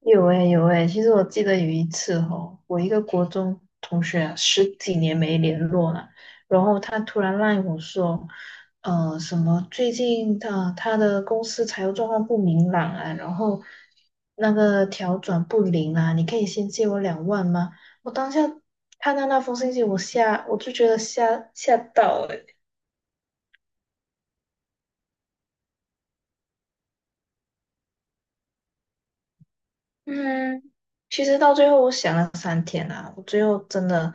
有诶、有诶、其实我记得有一次哦，我一个国中同学啊十几年没联络了，然后他突然赖我说，什么最近他的公司财务状况不明朗啊，然后那个调转不灵啊，你可以先借我两万吗？我当下看到那封信息，我就觉得吓到了，嗯，其实到最后我想了三天啊，我最后真的、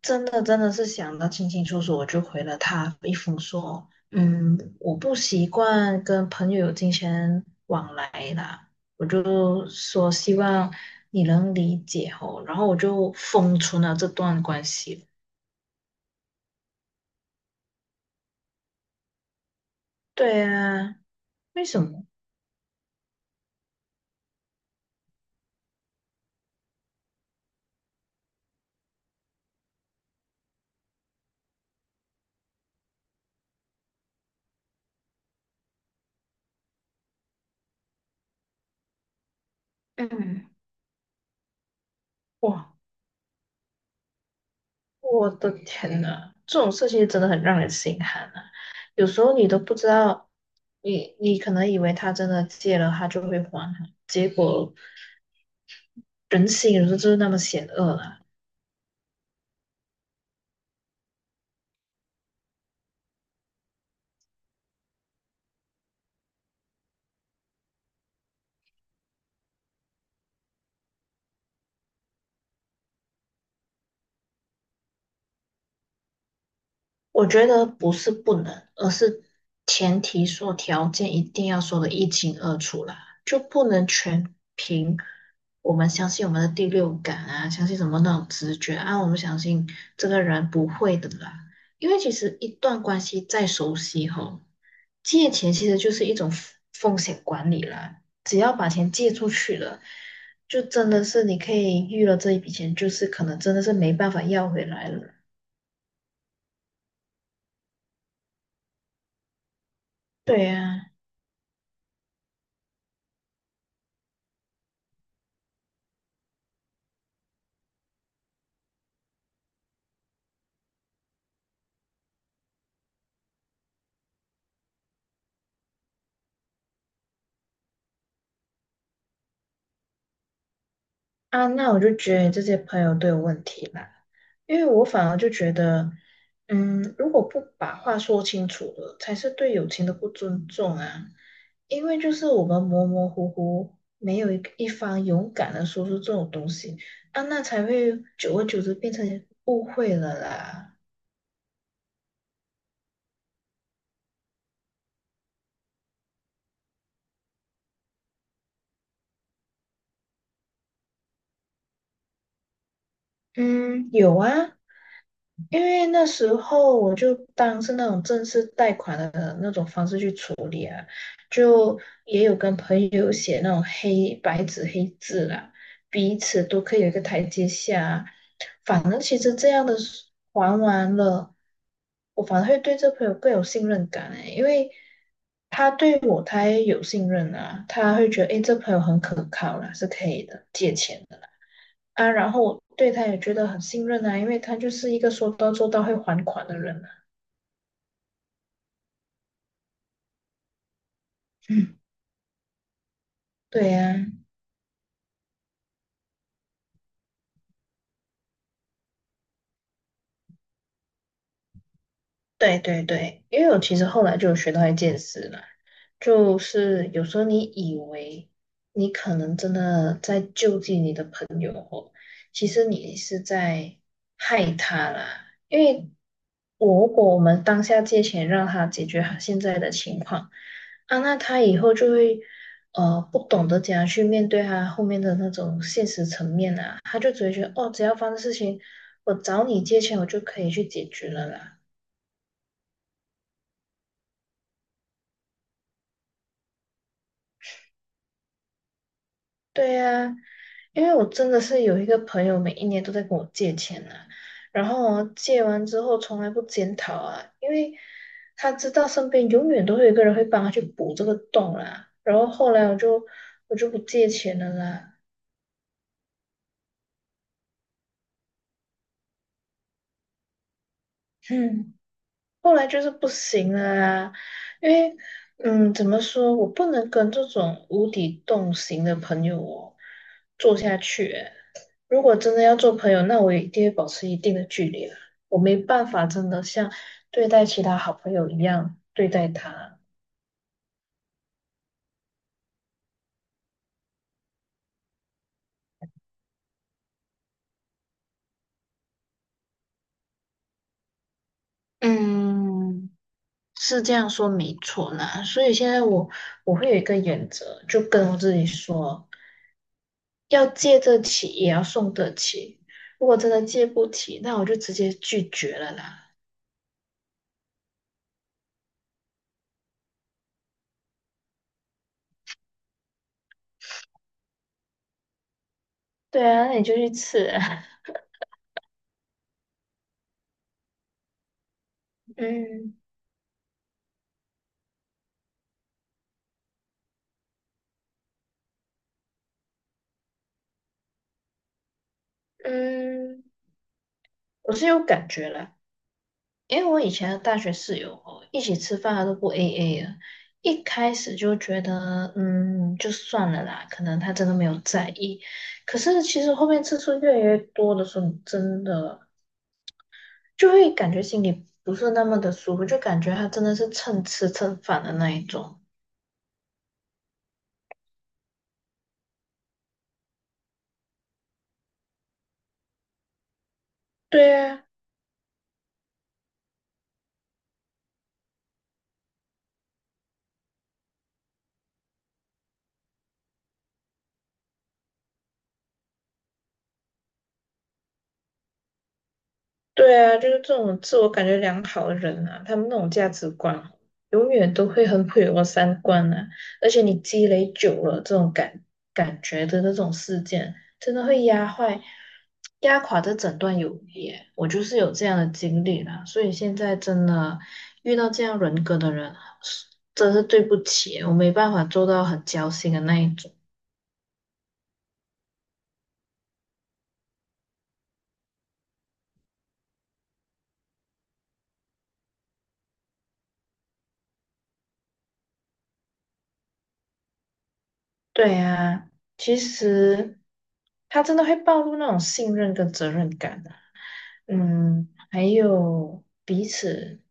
真的、真的是想的清清楚楚，我就回了他一封说，嗯，我不习惯跟朋友有金钱往来啦，我就说希望你能理解哦，然后我就封存了这段关系。对啊，为什么？嗯，哇，我的天呐，这种事情真的很让人心寒啊！有时候你都不知道，你可能以为他真的借了，他就会还啊，结果人心有时候就是那么险恶啊。我觉得不是不能，而是前提说条件一定要说的一清二楚啦，就不能全凭我们相信我们的第六感啊，相信什么那种直觉啊，我们相信这个人不会的啦。因为其实一段关系再熟悉吼，借钱其实就是一种风险管理啦，只要把钱借出去了。就真的是你可以预了这一笔钱，就是可能真的是没办法要回来了。对呀、啊，那我就觉得你这些朋友都有问题啦，因为我反而就觉得，嗯，如果不把话说清楚了，才是对友情的不尊重啊。因为就是我们模模糊糊，没有一方勇敢的说出这种东西啊，那才会久而久之变成误会了啦。嗯，有啊，因为那时候我就当是那种正式贷款的那种方式去处理啊，就也有跟朋友写那种黑白纸黑字啦，彼此都可以有一个台阶下啊。反正其实这样的是还完了，我反而会对这朋友更有信任感诶，因为他对我他也有信任啊，他会觉得诶，这朋友很可靠啦，是可以的，借钱的。啊，然后我对他也觉得很信任啊，因为他就是一个说到做到会还款的人啊。嗯，对呀、对对对，因为我其实后来就有学到一件事啦，就是有时候你以为你可能真的在救济你的朋友哦，其实你是在害他啦。因为我如果我们当下借钱让他解决他现在的情况啊，那他以后就会不懂得怎样去面对他后面的那种现实层面啊，他就只会觉得哦，只要发生事情，我找你借钱我就可以去解决了啦。对呀、因为我真的是有一个朋友，每一年都在跟我借钱啊，然后哦借完之后从来不检讨啊，因为他知道身边永远都会有一个人会帮他去补这个洞啦。然后后来我就不借钱了啦，嗯，后来就是不行了啦，因为嗯，怎么说，我不能跟这种无底洞型的朋友哦做下去欸如果真的要做朋友，那我一定会保持一定的距离啊。我没办法真的像对待其他好朋友一样对待他。嗯，是这样说没错啦。所以现在我我会有一个原则，就跟我自己说，要借得起也要送得起。如果真的借不起，那我就直接拒绝了啦。对啊，那你就去吃啊。嗯嗯，我是有感觉啦。因为我以前的大学室友哦，一起吃饭他都不 AA 了。一开始就觉得，嗯，就算了啦，可能他真的没有在意。可是其实后面次数越来越多的时候，真的就会感觉心里不是那么的舒服，就感觉他真的是蹭吃蹭饭的那一种。对啊，对啊，就是这种自我感觉良好的人啊，他们那种价值观永远都会很毁我三观啊！而且你积累久了，这种感觉的那种事件，真的会压坏、压垮这整段友谊耶我就是有这样的经历啦，所以现在真的遇到这样人格的人，是真是对不起，我没办法做到很交心的那一种。对啊，其实他真的会暴露那种信任跟责任感的。嗯，还有彼此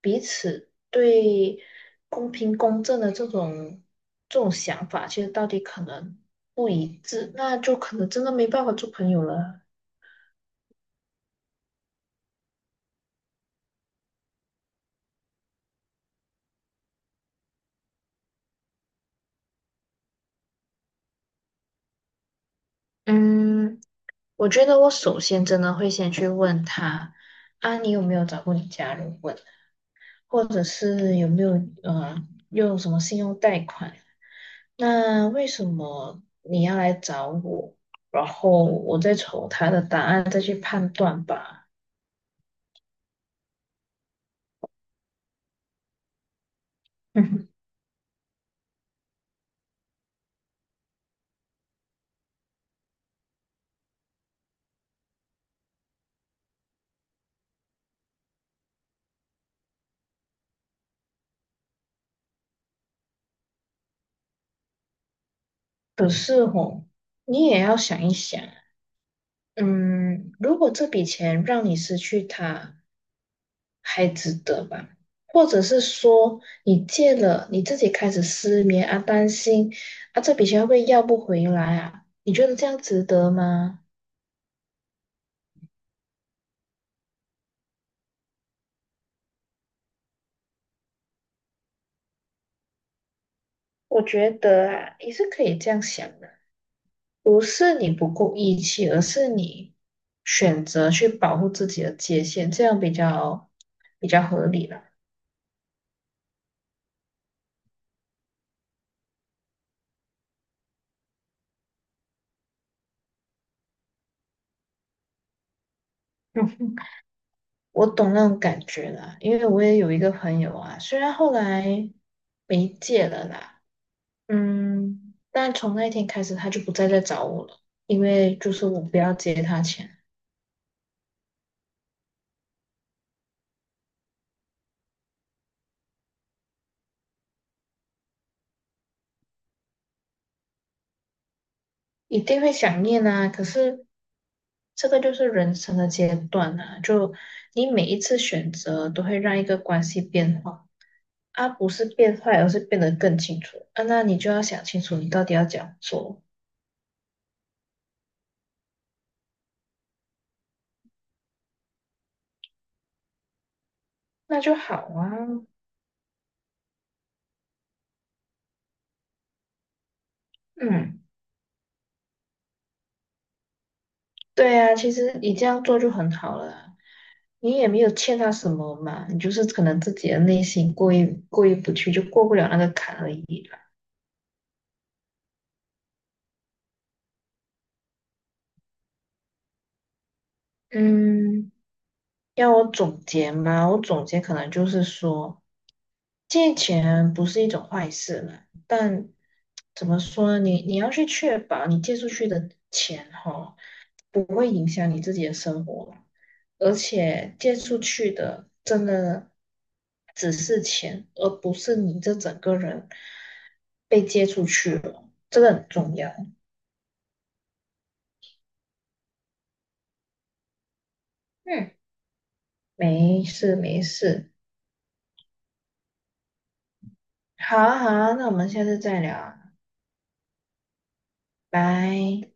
彼此对公平公正的这种想法，其实到底可能不一致，那就可能真的没办法做朋友了。嗯，我觉得我首先真的会先去问他，啊，你有没有找过你家人问，或者是有没有呃用什么信用贷款？那为什么你要来找我？然后我再瞅他的答案再去判断吧。可是哦，你也要想一想，嗯，如果这笔钱让你失去它，还值得吧？或者是说，你借了，你自己开始失眠啊，担心啊，这笔钱会不会要不回来啊？你觉得这样值得吗？我觉得啊，也是可以这样想的。不是你不够义气，而是你选择去保护自己的界限，这样比较合理了。嗯我懂那种感觉啦，因为我也有一个朋友啊，虽然后来没戒了啦，嗯，但从那一天开始他就不再来找我了，因为就是我不要借他钱，一定会想念啊，可是。这个就是人生的阶段啊，就你每一次选择都会让一个关系变化。啊，不是变坏，而是变得更清楚啊。那你就要想清楚，你到底要怎样做，那就好啊。嗯，对啊，其实你这样做就很好了啊你也没有欠他什么嘛，你就是可能自己的内心过意不去，就过不了那个坎而已啦。嗯，要我总结吗？我总结可能就是说，借钱不是一种坏事嘛，但怎么说呢？你你要去确保你借出去的钱哈，不会影响你自己的生活啦而且借出去的真的只是钱，而不是你这整个人被借出去了，这个很重要。嗯，没事没事，好啊好啊，那我们下次再聊啊拜。